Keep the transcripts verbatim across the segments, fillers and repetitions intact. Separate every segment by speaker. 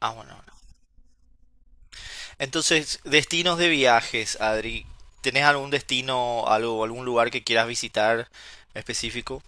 Speaker 1: Ah, bueno. Bueno. Entonces, destinos de viajes, Adri. ¿Tenés algún destino, algo, algún lugar que quieras visitar específico?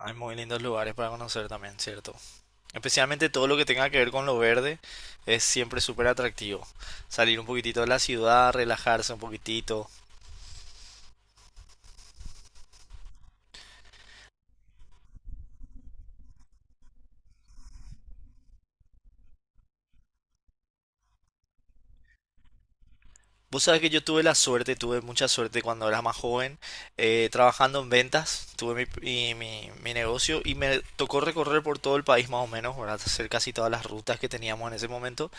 Speaker 1: Hay muy lindos lugares para conocer también, ¿cierto? Especialmente todo lo que tenga que ver con lo verde es siempre súper atractivo. Salir un poquitito de la ciudad, relajarse un poquitito. Vos sabés que yo tuve la suerte, tuve mucha suerte cuando era más joven, eh, trabajando en ventas, tuve mi, mi- mi- mi negocio y me tocó recorrer por todo el país más o menos, ¿verdad? Hacer casi todas las rutas que teníamos en ese momento.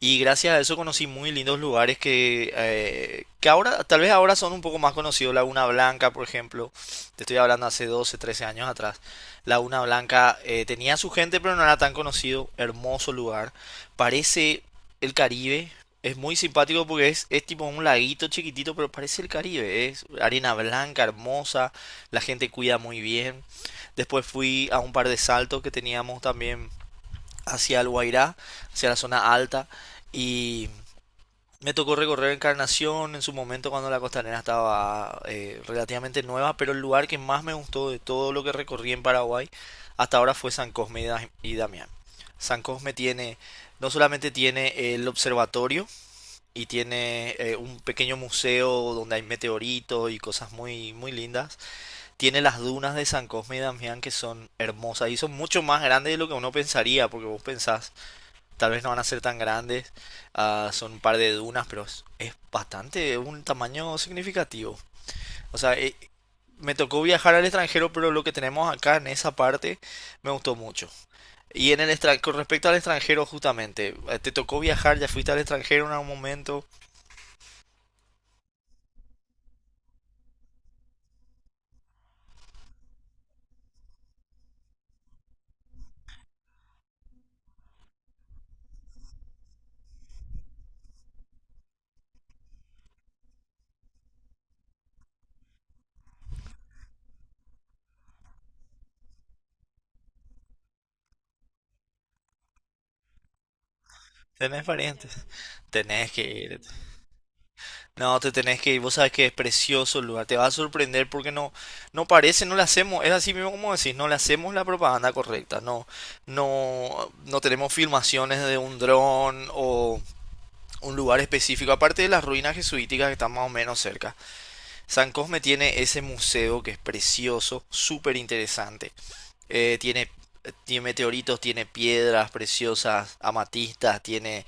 Speaker 1: Y gracias a eso conocí muy lindos lugares que, eh, que ahora, tal vez ahora son un poco más conocidos. Laguna Blanca, por ejemplo, te estoy hablando hace doce trece años atrás. Laguna Blanca eh, tenía su gente, pero no era tan conocido. Hermoso lugar. Parece el Caribe. Es muy simpático porque es, es tipo un laguito chiquitito, pero parece el Caribe. Es arena blanca, hermosa. La gente cuida muy bien. Después fui a un par de saltos que teníamos también hacia el Guairá, hacia la zona alta. Y me tocó recorrer Encarnación en su momento cuando la costanera estaba eh, relativamente nueva, pero el lugar que más me gustó de todo lo que recorrí en Paraguay hasta ahora fue San Cosme y Damián. San Cosme tiene, no solamente tiene el observatorio y tiene eh, un pequeño museo donde hay meteoritos y cosas muy, muy lindas, tiene las dunas de San Cosme y Damián que son hermosas y son mucho más grandes de lo que uno pensaría, porque vos pensás tal vez no van a ser tan grandes, ah, son un par de dunas, pero es, es bastante, un tamaño significativo. O sea, eh, me tocó viajar al extranjero, pero lo que tenemos acá en esa parte me gustó mucho. Y en el extra- con respecto al extranjero, justamente, eh, te tocó viajar, ya fuiste al extranjero en algún momento, tenés parientes, tenés que ir. No, te tenés que ir, vos sabés que es precioso el lugar, te va a sorprender porque no, no parece, no le hacemos, es así mismo como decís, no le hacemos la propaganda correcta, no, no, no tenemos filmaciones de un dron o un lugar específico, aparte de las ruinas jesuíticas que están más o menos cerca. San Cosme tiene ese museo que es precioso, súper interesante. Eh, tiene, tiene meteoritos, tiene piedras preciosas, amatistas, tiene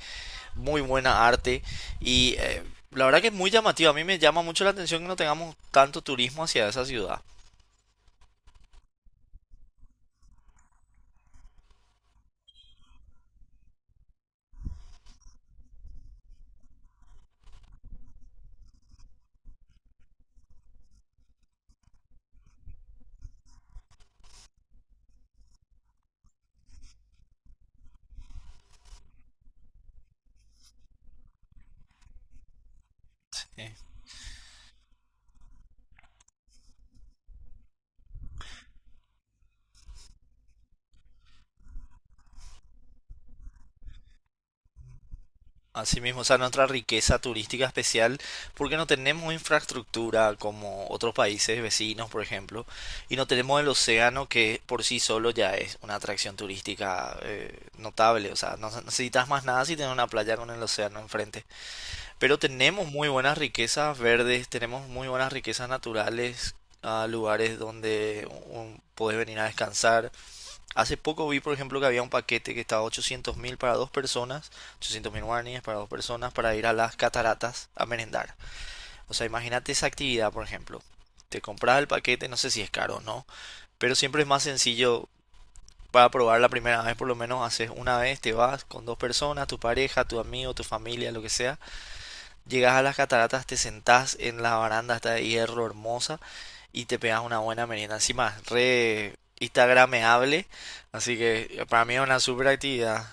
Speaker 1: muy buena arte y eh, la verdad que es muy llamativo. A mí me llama mucho la atención que no tengamos tanto turismo hacia esa ciudad. Sí. Así mismo, o sea, nuestra riqueza turística especial, porque no tenemos infraestructura como otros países vecinos, por ejemplo, y no tenemos el océano que por sí solo ya es una atracción turística eh, notable. O sea, no necesitas más nada si tienes una playa con el océano enfrente. Pero tenemos muy buenas riquezas verdes, tenemos muy buenas riquezas naturales, a lugares donde um, podés venir a descansar. Hace poco vi, por ejemplo, que había un paquete que estaba ochocientos mil para dos personas, ochocientos mil guaraníes para dos personas para ir a las cataratas a merendar. O sea, imagínate esa actividad, por ejemplo. Te compras el paquete, no sé si es caro o no, pero siempre es más sencillo para probar la primera vez, por lo menos haces una vez, te vas con dos personas, tu pareja, tu amigo, tu familia, lo que sea. Llegas a las cataratas, te sentás en la baranda esta de hierro hermosa y te pegas una buena merienda. Encima, re instagrameable, así que para mí es una super actividad.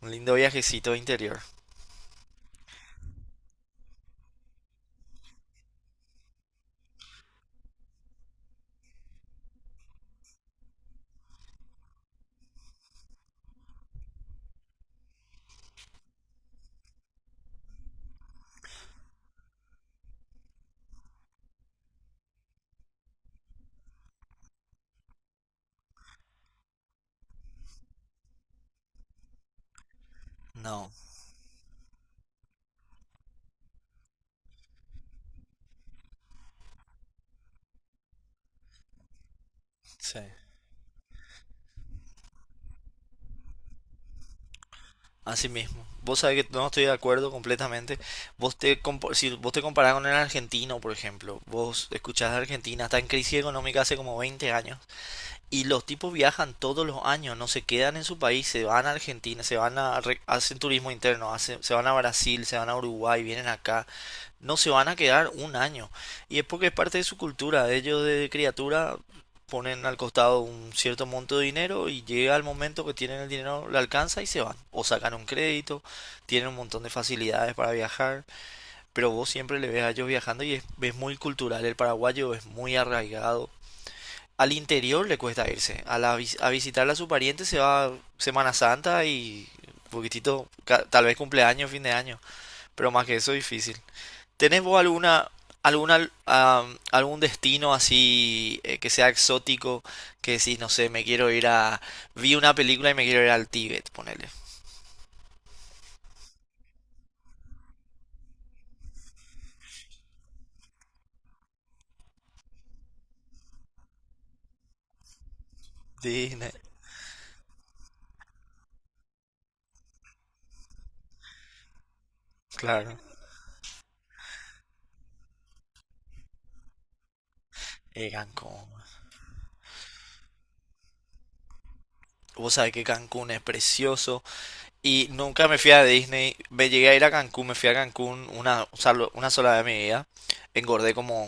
Speaker 1: Un lindo viajecito interior. No, sí. Así mismo. Vos sabés que no estoy de acuerdo completamente. Vos te compa- si vos te comparás con el argentino, por ejemplo, vos escuchás de Argentina, está en crisis económica hace como veinte años. Y los tipos viajan todos los años, no se quedan en su país, se van a Argentina, se van a, re- hacen turismo interno, hacen- se van a Brasil, se van a Uruguay, vienen acá, no se van a quedar un año. Y es porque es parte de su cultura, ellos de criatura ponen al costado un cierto monto de dinero y llega el momento que tienen el dinero, le alcanza y se van. O sacan un crédito, tienen un montón de facilidades para viajar, pero vos siempre le ves a ellos viajando y es, es muy cultural. El paraguayo es muy arraigado al interior, le cuesta irse. A, la, a visitar a su pariente se va Semana Santa y un poquitito, ca- tal vez cumpleaños, fin de año. Pero más que eso, difícil. ¿Tenés vos alguna, alguna, am, algún destino así eh, que sea exótico? Que decís, no sé, me quiero ir a... Vi una película y me quiero ir al Tíbet, ponele. Disney, claro. Eh, Cancún. Vos sabés que Cancún es precioso. Y nunca me fui a Disney. Me llegué a ir a Cancún, me fui a Cancún una, o sea, lo- una sola vez en mi vida. Engordé como,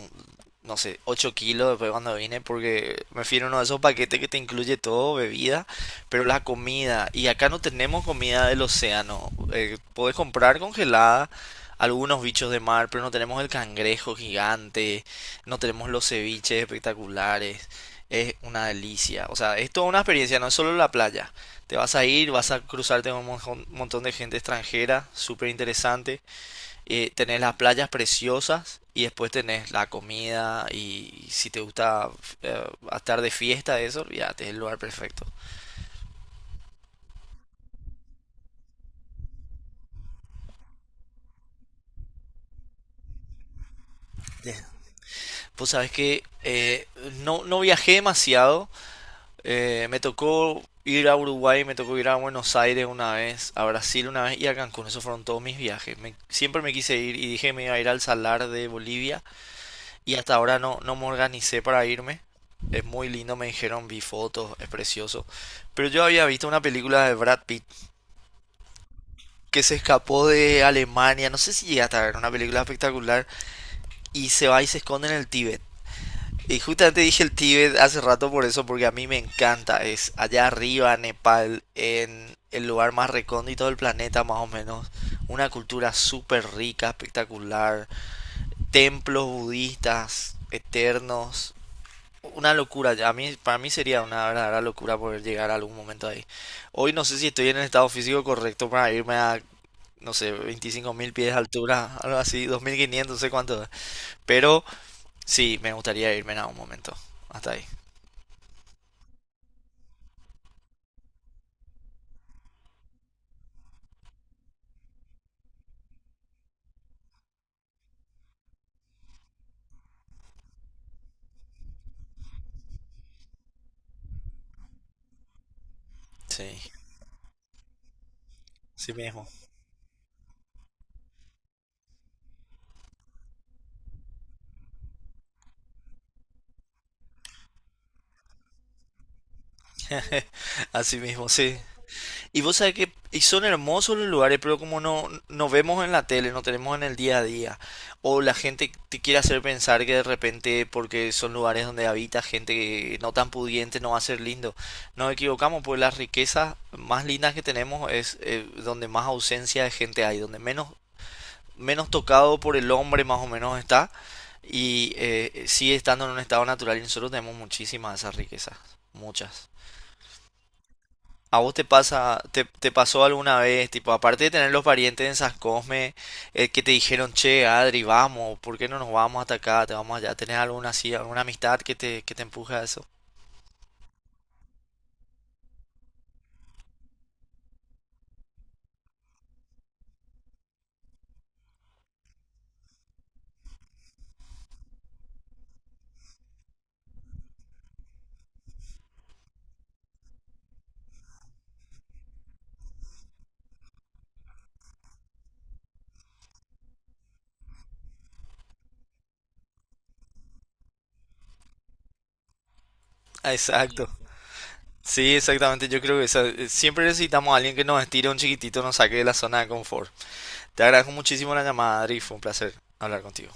Speaker 1: no sé, ocho kilos después cuando vine porque me fui en uno de esos paquetes que te incluye todo, bebida, pero la comida. Y acá no tenemos comida del océano. Eh, podés comprar congelada algunos bichos de mar, pero no tenemos el cangrejo gigante, no tenemos los ceviches espectaculares. Es una delicia. O sea, es toda una experiencia, no es solo la playa. Te vas a ir, vas a cruzarte con un montón de gente extranjera, súper interesante. Eh, tenés las playas preciosas y después tenés la comida y si te gusta eh, estar de fiesta, eso, olvídate, es el lugar perfecto. Pues sabes que eh, no, no viajé demasiado. Eh, me tocó ir a Uruguay, me tocó ir a Buenos Aires una vez, a Brasil una vez y a Cancún. Esos fueron todos mis viajes. Me- siempre me quise ir y dije me iba a ir al Salar de Bolivia. Y hasta ahora no, no me organicé para irme. Es muy lindo, me dijeron, vi fotos, es precioso. Pero yo había visto una película de Brad Pitt que se escapó de Alemania, no sé si llegaste a ver, una película espectacular, y se va y se esconde en el Tíbet. Y justamente dije el Tíbet hace rato por eso, porque a mí me encanta, es allá arriba, Nepal, en el lugar más recóndito del planeta más o menos, una cultura súper rica, espectacular, templos budistas eternos, una locura. A mí, para mí sería una verdadera locura poder llegar a algún momento ahí. Hoy no sé si estoy en el estado físico correcto para irme a, no sé, veinticinco mil pies de altura, algo así, dos mil quinientos, no sé cuánto. Pero sí, me gustaría irme en algún momento. Hasta ahí. Sí, así mismo. Así mismo, sí. Y vos sabés que y son hermosos los lugares, pero como no, no vemos en la tele, no tenemos en el día a día, o la gente te quiere hacer pensar que de repente, porque son lugares donde habita gente que no tan pudiente, no va a ser lindo. Nos equivocamos, pues las riquezas más lindas que tenemos es eh, donde más ausencia de gente hay, donde menos, menos tocado por el hombre más o menos está, y eh, sigue estando en un estado natural, y nosotros tenemos muchísimas de esas riquezas, muchas. ¿A vos te pasa, te, te pasó alguna vez, tipo, aparte de tener los parientes en San Cosme, eh, que te dijeron, che, Adri, vamos, ¿por qué no nos vamos hasta acá? Te vamos allá, ¿tenés alguna así, alguna amistad que te, que te empuje a eso? Ah, exacto. Sí, exactamente. Yo creo que esa- eh, siempre necesitamos a alguien que nos estire un chiquitito, nos saque de la zona de confort. Te agradezco muchísimo la llamada, Adri, fue un placer hablar contigo.